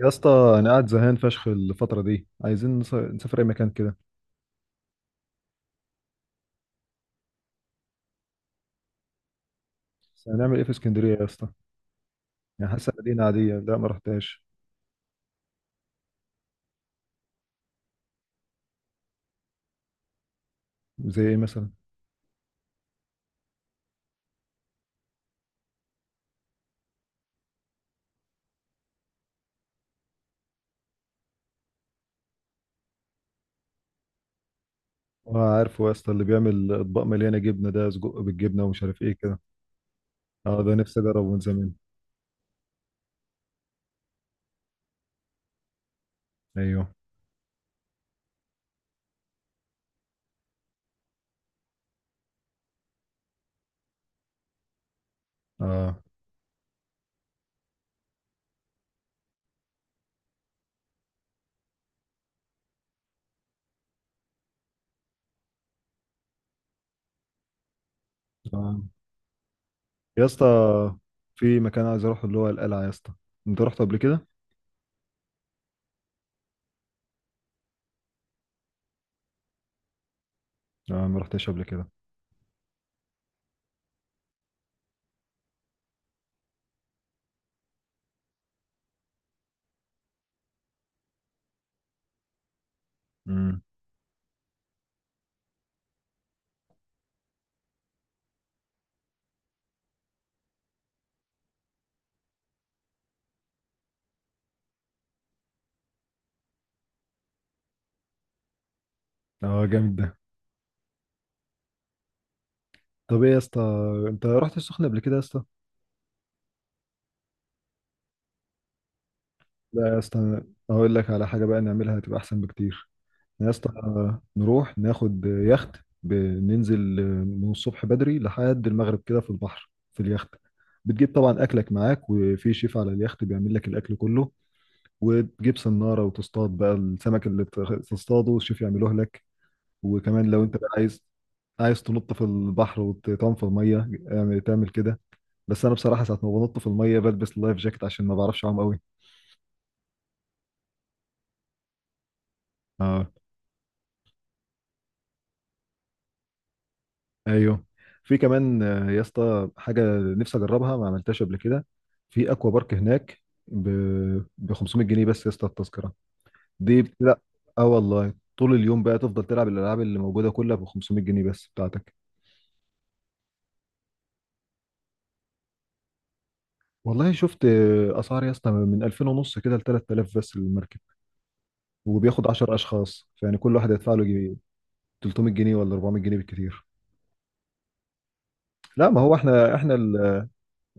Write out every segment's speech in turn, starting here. يا اسطى انا قاعد زهقان فشخ الفتره دي عايزين نسافر اي مكان كده. بس هنعمل ايه في اسكندريه يا اسطى؟ يعني حاسه مدينه عاديه، لا ما رحتهاش. زي ايه مثلا؟ اه عارفه يا اسطى، اللي بيعمل اطباق مليانه جبنه ده، سجق بالجبنه ومش عارف ايه كده. اه ده نفسي اجربه من زمان. ايوه. اه. اه يا اسطى، في مكان عايز اروحه اللي هو القلعه يا اسطى، انت رحت قبل كده؟ اه ما رحتش قبل كده. امم اه جامد ده. طب ايه يا اسطى، انت رحت السخنه قبل كده يا اسطى؟ لا يا اسطى، أنا هقول لك على حاجه بقى نعملها هتبقى احسن بكتير. يا اسطى، نروح ناخد يخت. بننزل من الصبح بدري لحد المغرب كده في البحر في اليخت. بتجيب طبعا اكلك معاك، وفي شيف على اليخت بيعمل لك الاكل كله. وتجيب صناره وتصطاد بقى السمك اللي تصطاده الشيف يعمله لك. وكمان لو انت بقى عايز، عايز تنط في البحر وتنفض ميه تعمل كده. بس انا بصراحه ساعه ما بنط في الميه بلبس اللايف جاكيت عشان ما بعرفش اعوم. قوي. ايوه. في كمان يا اسطى حاجه نفسي اجربها ما عملتهاش قبل كده. في اكوا بارك هناك ب 500 جنيه بس يا اسطى، التذكره دي. لا اه والله طول اليوم بقى تفضل تلعب الالعاب اللي موجوده كلها ب 500 جنيه بس بتاعتك. والله شفت اسعار يا اسطى، من 2000 ونص كده ل 3000 بس المركب، وبياخد 10 اشخاص. فيعني كل واحد هيدفع له 300 جنيه ولا 400 جنيه بالكتير. لا ما هو احنا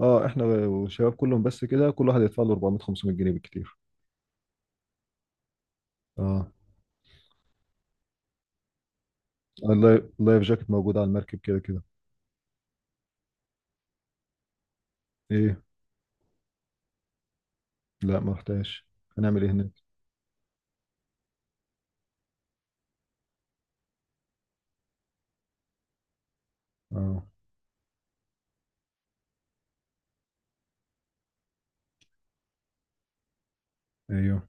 اه احنا والشباب كلهم بس كده كل واحد يدفع له 400 500 جنيه بالكتير. اه. اللايف جاكيت موجود على المركب كده كده. ايه؟ لا ما رحتهاش، هنعمل ايه هناك؟ اه. ايوه.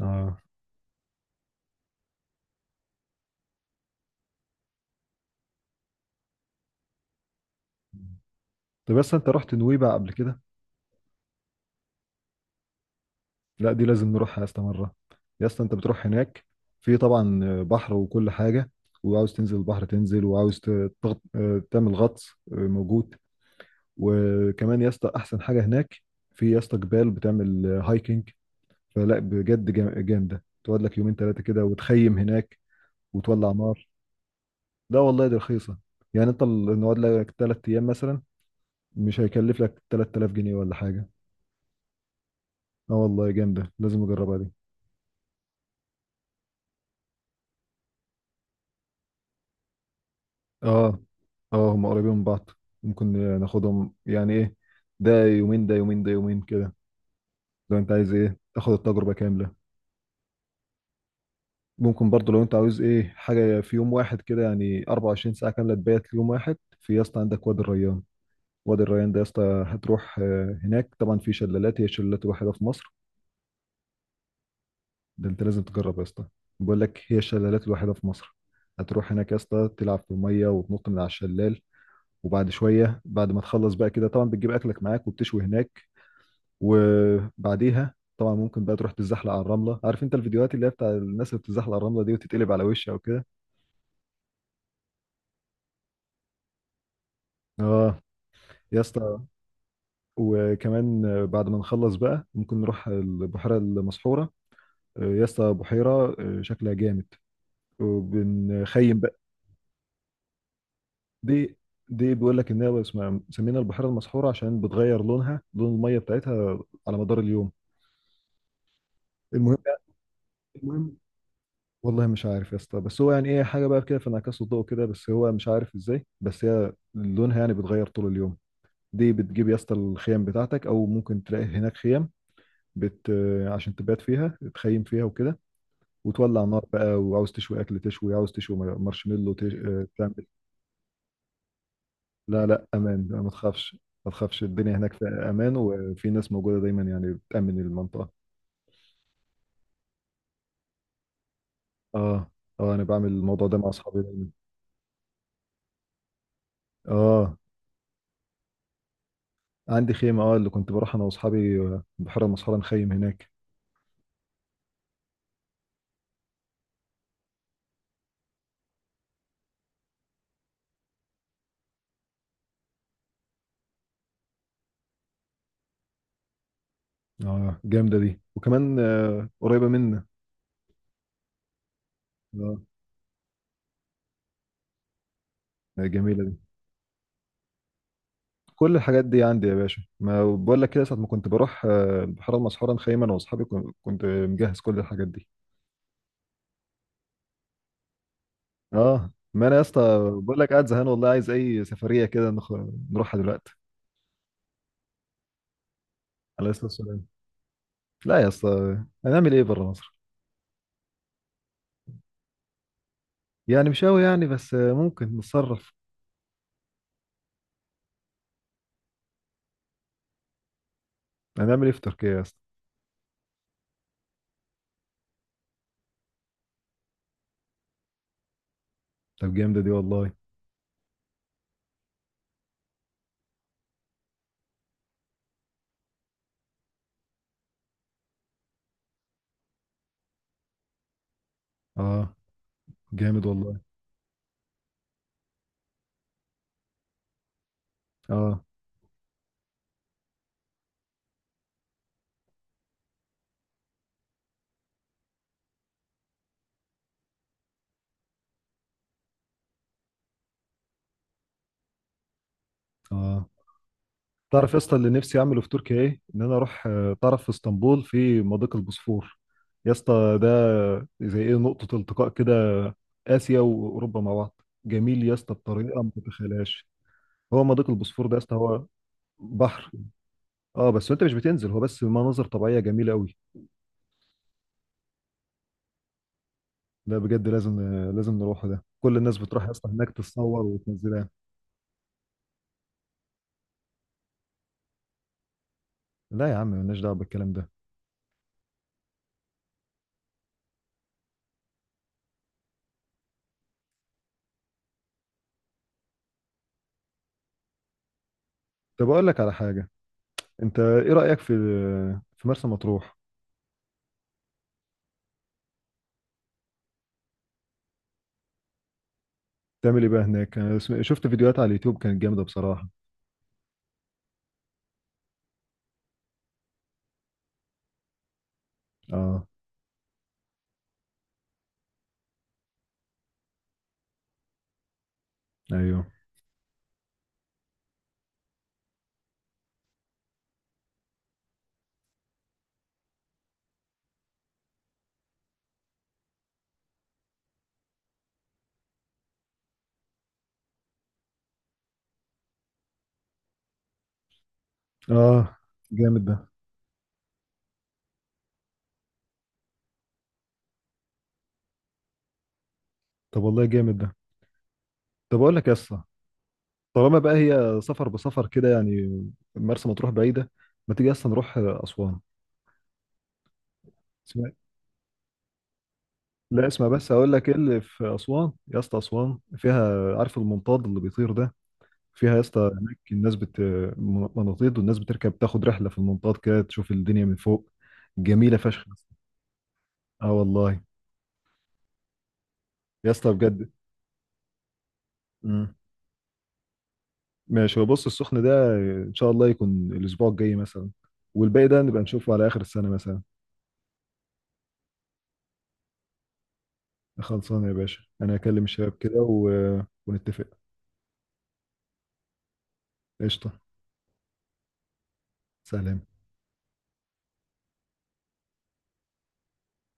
اه. طب بس انت رحت نويبع قبل كده؟ لا دي لازم نروحها يا اسطى مره. يا اسطى انت بتروح هناك، في طبعا بحر وكل حاجه، وعاوز تنزل البحر تنزل، وعاوز ت- تغط... آه، تعمل غطس، موجود. وكمان يا اسطى احسن حاجه هناك، في يا اسطى جبال بتعمل هايكنج. فلا بجد جامده، تقعد لك يومين ثلاثه كده وتخيم هناك وتولع نار. لا والله دي رخيصة، يعني انت نقعد لك تلات ايام مثلا مش هيكلف لك 3000 جنيه ولا حاجة. اه والله جامدة لازم اجربها دي. اه. اه هم قريبين من بعض، ممكن ناخدهم يعني ايه، ده يومين ده يومين ده يومين كده. لو انت عايز ايه تاخد التجربة كاملة. ممكن برضه لو انت عاوز ايه حاجة في يوم واحد كده، يعني 24 ساعة كاملة تبات في يوم واحد، في يا اسطى عندك وادي الريان. وادي الريان ده يا اسطى هتروح هناك طبعا في شلالات، هي الشلالات الوحيدة في مصر. ده انت لازم تجرب يا اسطى، بقول لك هي الشلالات الوحيده في مصر. هتروح هناك يا اسطى تلعب في الميه وتنط من على الشلال. وبعد شويه بعد ما تخلص بقى كده طبعا بتجيب اكلك معاك وبتشوي هناك. وبعديها طبعا ممكن بقى تروح تتزحلق على الرمله، عارف انت الفيديوهات اللي هي بتاع الناس اللي بتتزحلق على الرمله دي وتتقلب على وشها وكده. اه يا اسطى. وكمان بعد ما نخلص بقى ممكن نروح البحيره المسحوره. يا اسطى بحيره، شكلها جامد، وبنخيم. دي دي بيقول لك ان هي اسمها مسمينها البحيره المسحوره عشان بتغير لونها، لون الميه بتاعتها، على مدار اليوم. المهم يعني. المهم والله مش عارف يا اسطى، بس هو يعني ايه، حاجه بقى كده في انعكاس الضوء كده، بس هو مش عارف ازاي، بس هي لونها يعني بيتغير طول اليوم. دي بتجيب يا اسطى الخيام بتاعتك او ممكن تلاقي هناك خيام بت عشان تبات فيها، تخيم فيها وكده. وتولع نار بقى وعاوز تشوي اكل، تشوي عاوز تشوي مارشميلو لا لا امان ما تخافش. ما تخافش الدنيا هناك في امان، وفي ناس موجوده دايما يعني بتامن المنطقه. اه. اه انا بعمل الموضوع ده مع اصحابي دايما. اه عندي خيمه، اه اللي كنت بروح انا واصحابي بحيره مسحوره نخيم هناك. اه جامده دي، وكمان قريبه منا. اه. جميله دي. كل الحاجات دي عندي يا باشا، ما بقول لك كده، ساعه ما كنت بروح البحيره المسحوره نخيم انا واصحابي، كنت مجهز كل الحاجات دي. اه ما انا يا اسطى بقول لك قاعد زهقان والله، عايز اي سفريه كده نروحها دلوقتي. عليه الصلاة والسلام. لا يا اسطى، هنعمل ايه بره مصر؟ يعني مش قوي يعني، بس ممكن نتصرف. هنعمل ايه في تركيا يا اسطى؟ طب جامدة دي والله. اه جامد والله. اه. اه تعرف يا اسطى اللي نفسي اعمله في تركيا ايه؟ ان انا اروح تعرف في اسطنبول في مضيق البوسفور. يا اسطى ده زي ايه، نقطة التقاء كده، اسيا واوروبا مع بعض، جميل يا اسطى بطريقة ما تتخيلهاش. هو مضيق البوسفور ده يا اسطى هو بحر. اه بس انت مش بتنزل، هو بس مناظر طبيعية جميلة قوي. لا بجد لازم نروحه ده، كل الناس بتروح اصلا هناك تتصور وتنزلها. لا يا عم مالناش دعوه بالكلام ده. طب اقول لك على حاجه، انت ايه رايك في، في مرسى مطروح؟ تعمل ايه بقى هناك؟ أنا شفت فيديوهات على اليوتيوب كانت جامده بصراحه. اه. ايوه. اه جامد ده. طب والله جامد ده. طب اقول لك يا اسطى، طالما بقى هي سفر بسفر كده يعني، مرسى مطروح بعيده، ما تيجي اصلا نروح اسوان. اسمع. لا اسمع بس اقول لك ايه اللي في اسوان يا اسطى. اسوان فيها، عارف المنطاد اللي بيطير ده؟ فيها يا اسطى، هناك الناس مناطيد، والناس بتركب تاخد رحله في المنطاد كده تشوف الدنيا من فوق، جميله فشخ يا اسطى. اه والله يا اسطى بجد. مم. ماشي، هو بص السخن ده، ان شاء الله يكون الاسبوع الجاي مثلا، والباقي ده نبقى نشوفه على اخر السنه مثلا. خلصانه يا باشا، انا هكلم الشباب كده و... ونتفق. قشطه. سلام.